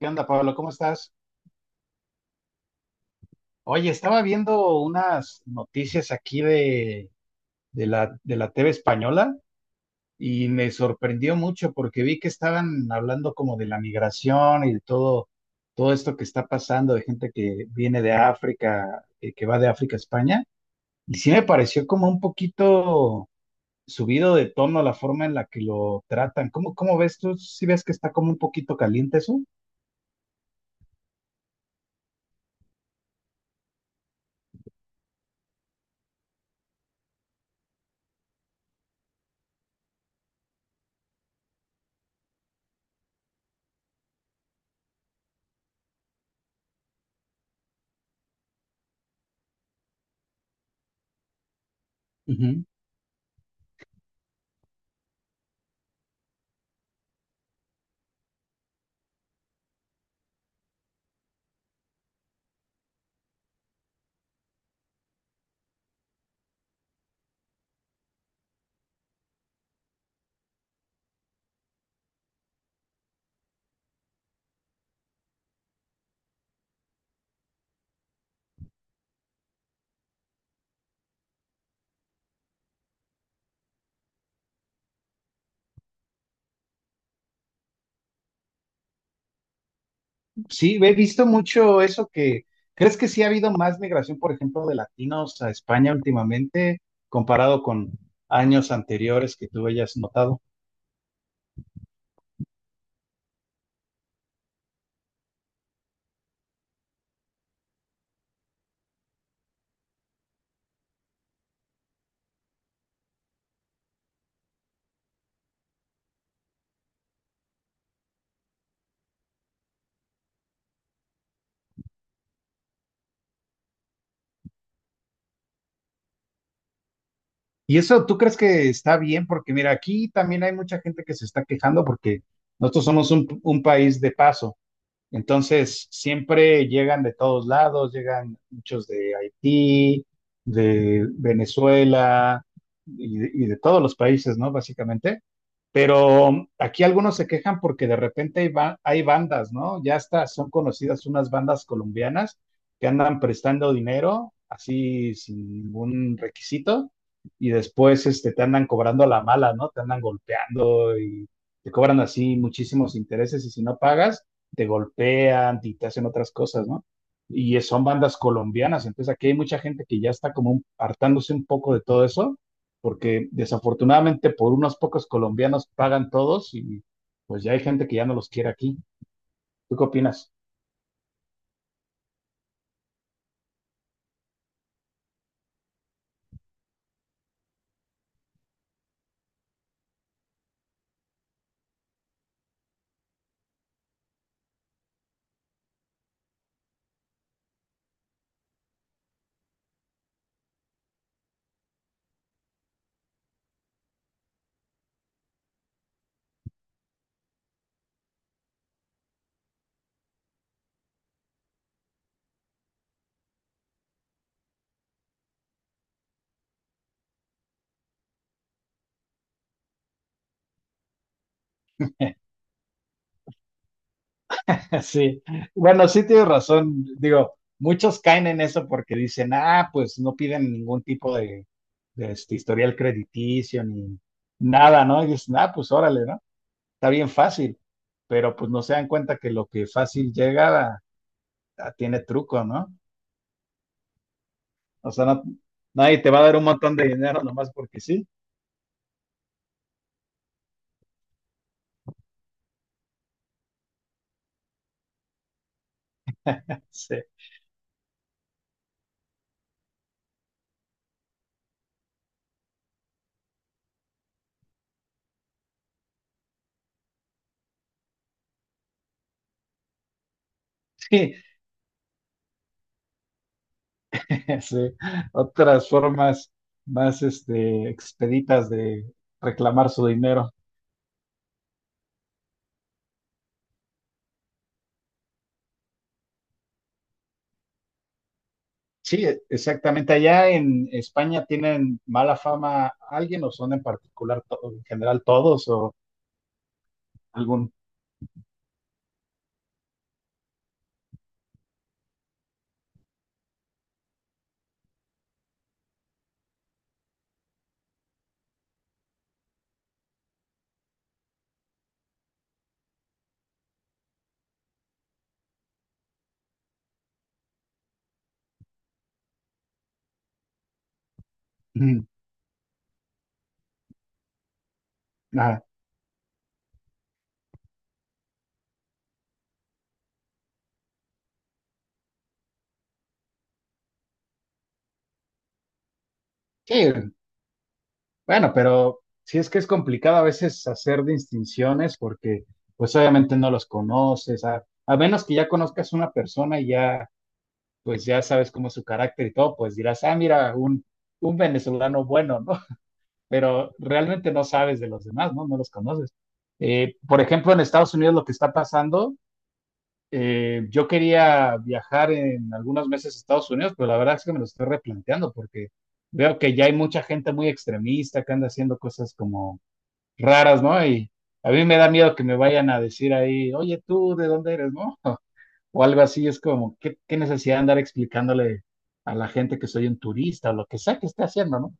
¿Qué onda, Pablo? ¿Cómo estás? Oye, estaba viendo unas noticias aquí de la TV española y me sorprendió mucho porque vi que estaban hablando como de la migración y de todo esto que está pasando, de gente que viene de África, que va de África a España. Y sí me pareció como un poquito subido de tono la forma en la que lo tratan. ¿Cómo ves tú? ¿Sí ves que está como un poquito caliente eso? Ujú. Sí, he visto mucho eso que, ¿crees que sí ha habido más migración, por ejemplo, de latinos a España últimamente, comparado con años anteriores que tú hayas notado? Y eso, ¿tú crees que está bien? Porque mira, aquí también hay mucha gente que se está quejando porque nosotros somos un país de paso. Entonces, siempre llegan de todos lados, llegan muchos de Haití, de Venezuela y de todos los países, ¿no? Básicamente. Pero aquí algunos se quejan porque de repente hay, hay bandas, ¿no? Ya hasta son conocidas unas bandas colombianas que andan prestando dinero así sin ningún requisito y después este, te andan cobrando a la mala, ¿no? Te andan golpeando y te cobran así muchísimos intereses y si no pagas te golpean y te hacen otras cosas, ¿no? Y son bandas colombianas, entonces aquí hay mucha gente que ya está como hartándose un poco de todo eso, porque desafortunadamente por unos pocos colombianos pagan todos y pues ya hay gente que ya no los quiere aquí. ¿Tú qué opinas? Sí, bueno, sí tienes razón. Digo, muchos caen en eso porque dicen, ah, pues no piden ningún tipo de, este, historial crediticio ni nada, ¿no? Y dicen, ah, pues órale, ¿no? Está bien fácil, pero pues no se dan cuenta que lo que fácil tiene truco, ¿no? O sea, nadie te va a dar un montón de dinero nomás porque sí. Sí, sí, sí. Otras formas más este, expeditas de reclamar su dinero. Sí, exactamente. Allá en España tienen mala fama alguien o son en particular, en general todos o algún... Ajá. Sí, bueno, pero sí es que es complicado a veces hacer distinciones porque pues obviamente no los conoces, a menos que ya conozcas una persona y ya pues ya sabes cómo es su carácter y todo, pues dirás, ah, mira, un venezolano bueno, ¿no? Pero realmente no sabes de los demás, ¿no? No los conoces. Por ejemplo, en Estados Unidos lo que está pasando, yo quería viajar en algunos meses a Estados Unidos, pero la verdad es que me lo estoy replanteando porque veo que ya hay mucha gente muy extremista que anda haciendo cosas como raras, ¿no? Y a mí me da miedo que me vayan a decir ahí, oye, tú, ¿de dónde eres, no? O algo así, es como, ¿qué necesidad de andar explicándole a la gente que soy un turista o lo que sea que esté haciendo, ¿no?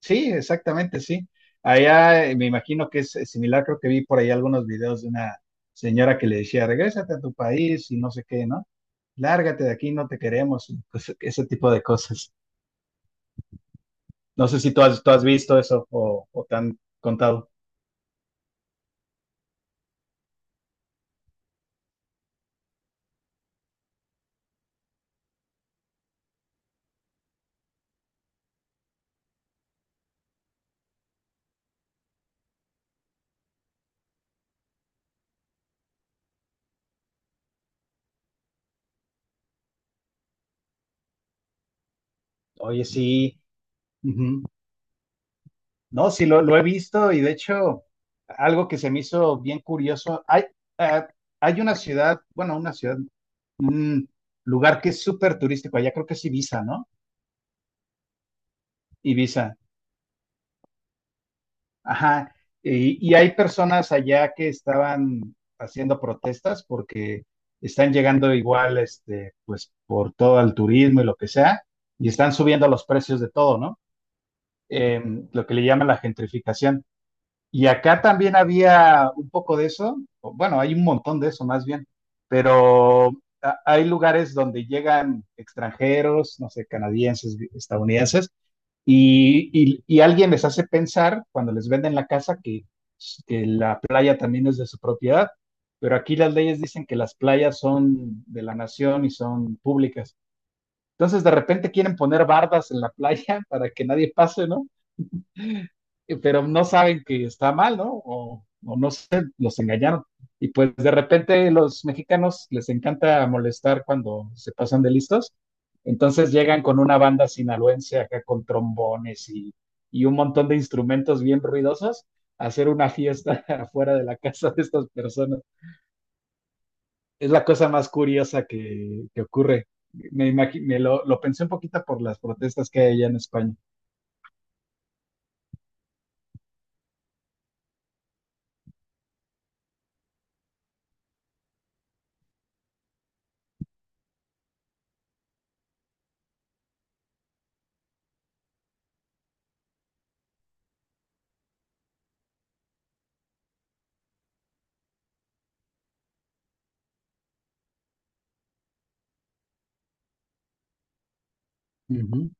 Sí, exactamente, sí. Allá me imagino que es similar, creo que vi por ahí algunos videos de una señora que le decía, regrésate a tu país y no sé qué, ¿no? Lárgate de aquí, no te queremos, y ese tipo de cosas. No sé si tú has visto eso o te han contado. Oye, sí. No, sí, lo he visto y de hecho, algo que se me hizo bien curioso, hay, eh, hay una ciudad, bueno, una ciudad, un lugar que es súper turístico, allá creo que es Ibiza, ¿no? Ibiza, ajá. Y hay personas allá que estaban haciendo protestas porque están llegando igual, este, pues por todo el turismo y lo que sea, y están subiendo los precios de todo, ¿no? Em, lo que le llaman la gentrificación. Y acá también había un poco de eso, o bueno, hay un montón de eso más bien, pero hay lugares donde llegan extranjeros, no sé, canadienses, estadounidenses, y alguien les hace pensar cuando les venden la casa que la playa también es de su propiedad, pero aquí las leyes dicen que las playas son de la nación y son públicas. Entonces de repente quieren poner bardas en la playa para que nadie pase, ¿no? Eh, pero no saben que está mal, ¿no? O no sé, los engañaron. Y pues de repente los mexicanos les encanta molestar cuando se pasan de listos. Entonces llegan con una banda sinaloense acá con trombones y un montón de instrumentos bien ruidosos a hacer una fiesta afuera de la casa de estas personas. Es la cosa más curiosa que ocurre. Me, imagi- me lo pensé un poquito por las protestas que hay allá en España. Ujú.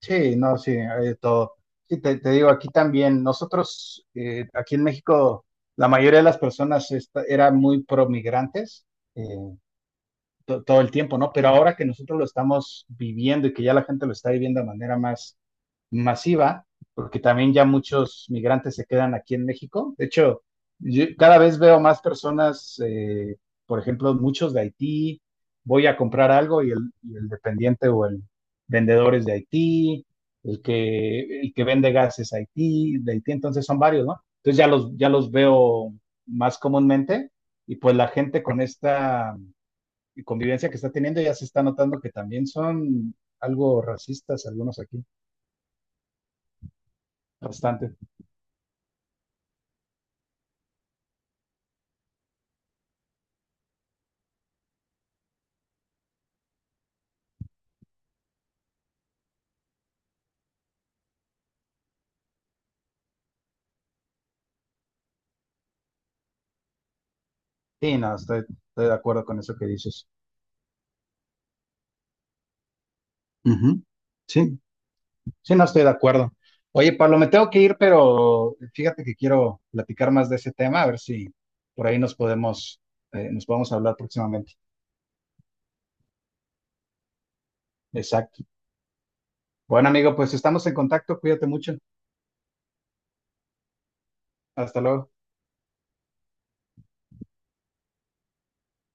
Sí, no, sí, hay de todo. Sí, te digo, aquí también, nosotros, aquí en México, la mayoría de las personas eran muy promigrantes, todo el tiempo, ¿no? Pero ahora que nosotros lo estamos viviendo y que ya la gente lo está viviendo de manera más masiva, porque también ya muchos migrantes se quedan aquí en México. De hecho, yo cada vez veo más personas, por ejemplo, muchos de Haití, voy a comprar algo y el dependiente o el vendedor es de Haití, el que vende gas es Haití, de Haití, entonces son varios, ¿no? Entonces ya ya los veo más comúnmente y pues la gente con esta convivencia que está teniendo, ya se está notando que también son algo racistas algunos aquí, bastante. Sí, no, estoy de acuerdo con eso que dices. Ujú. Sí, sí, no estoy de acuerdo. Oye, Pablo, me tengo que ir, pero fíjate que quiero platicar más de ese tema, a ver si por ahí nos podemos hablar próximamente. Exacto. Bueno, amigo, pues estamos en contacto, cuídate mucho. Hasta luego.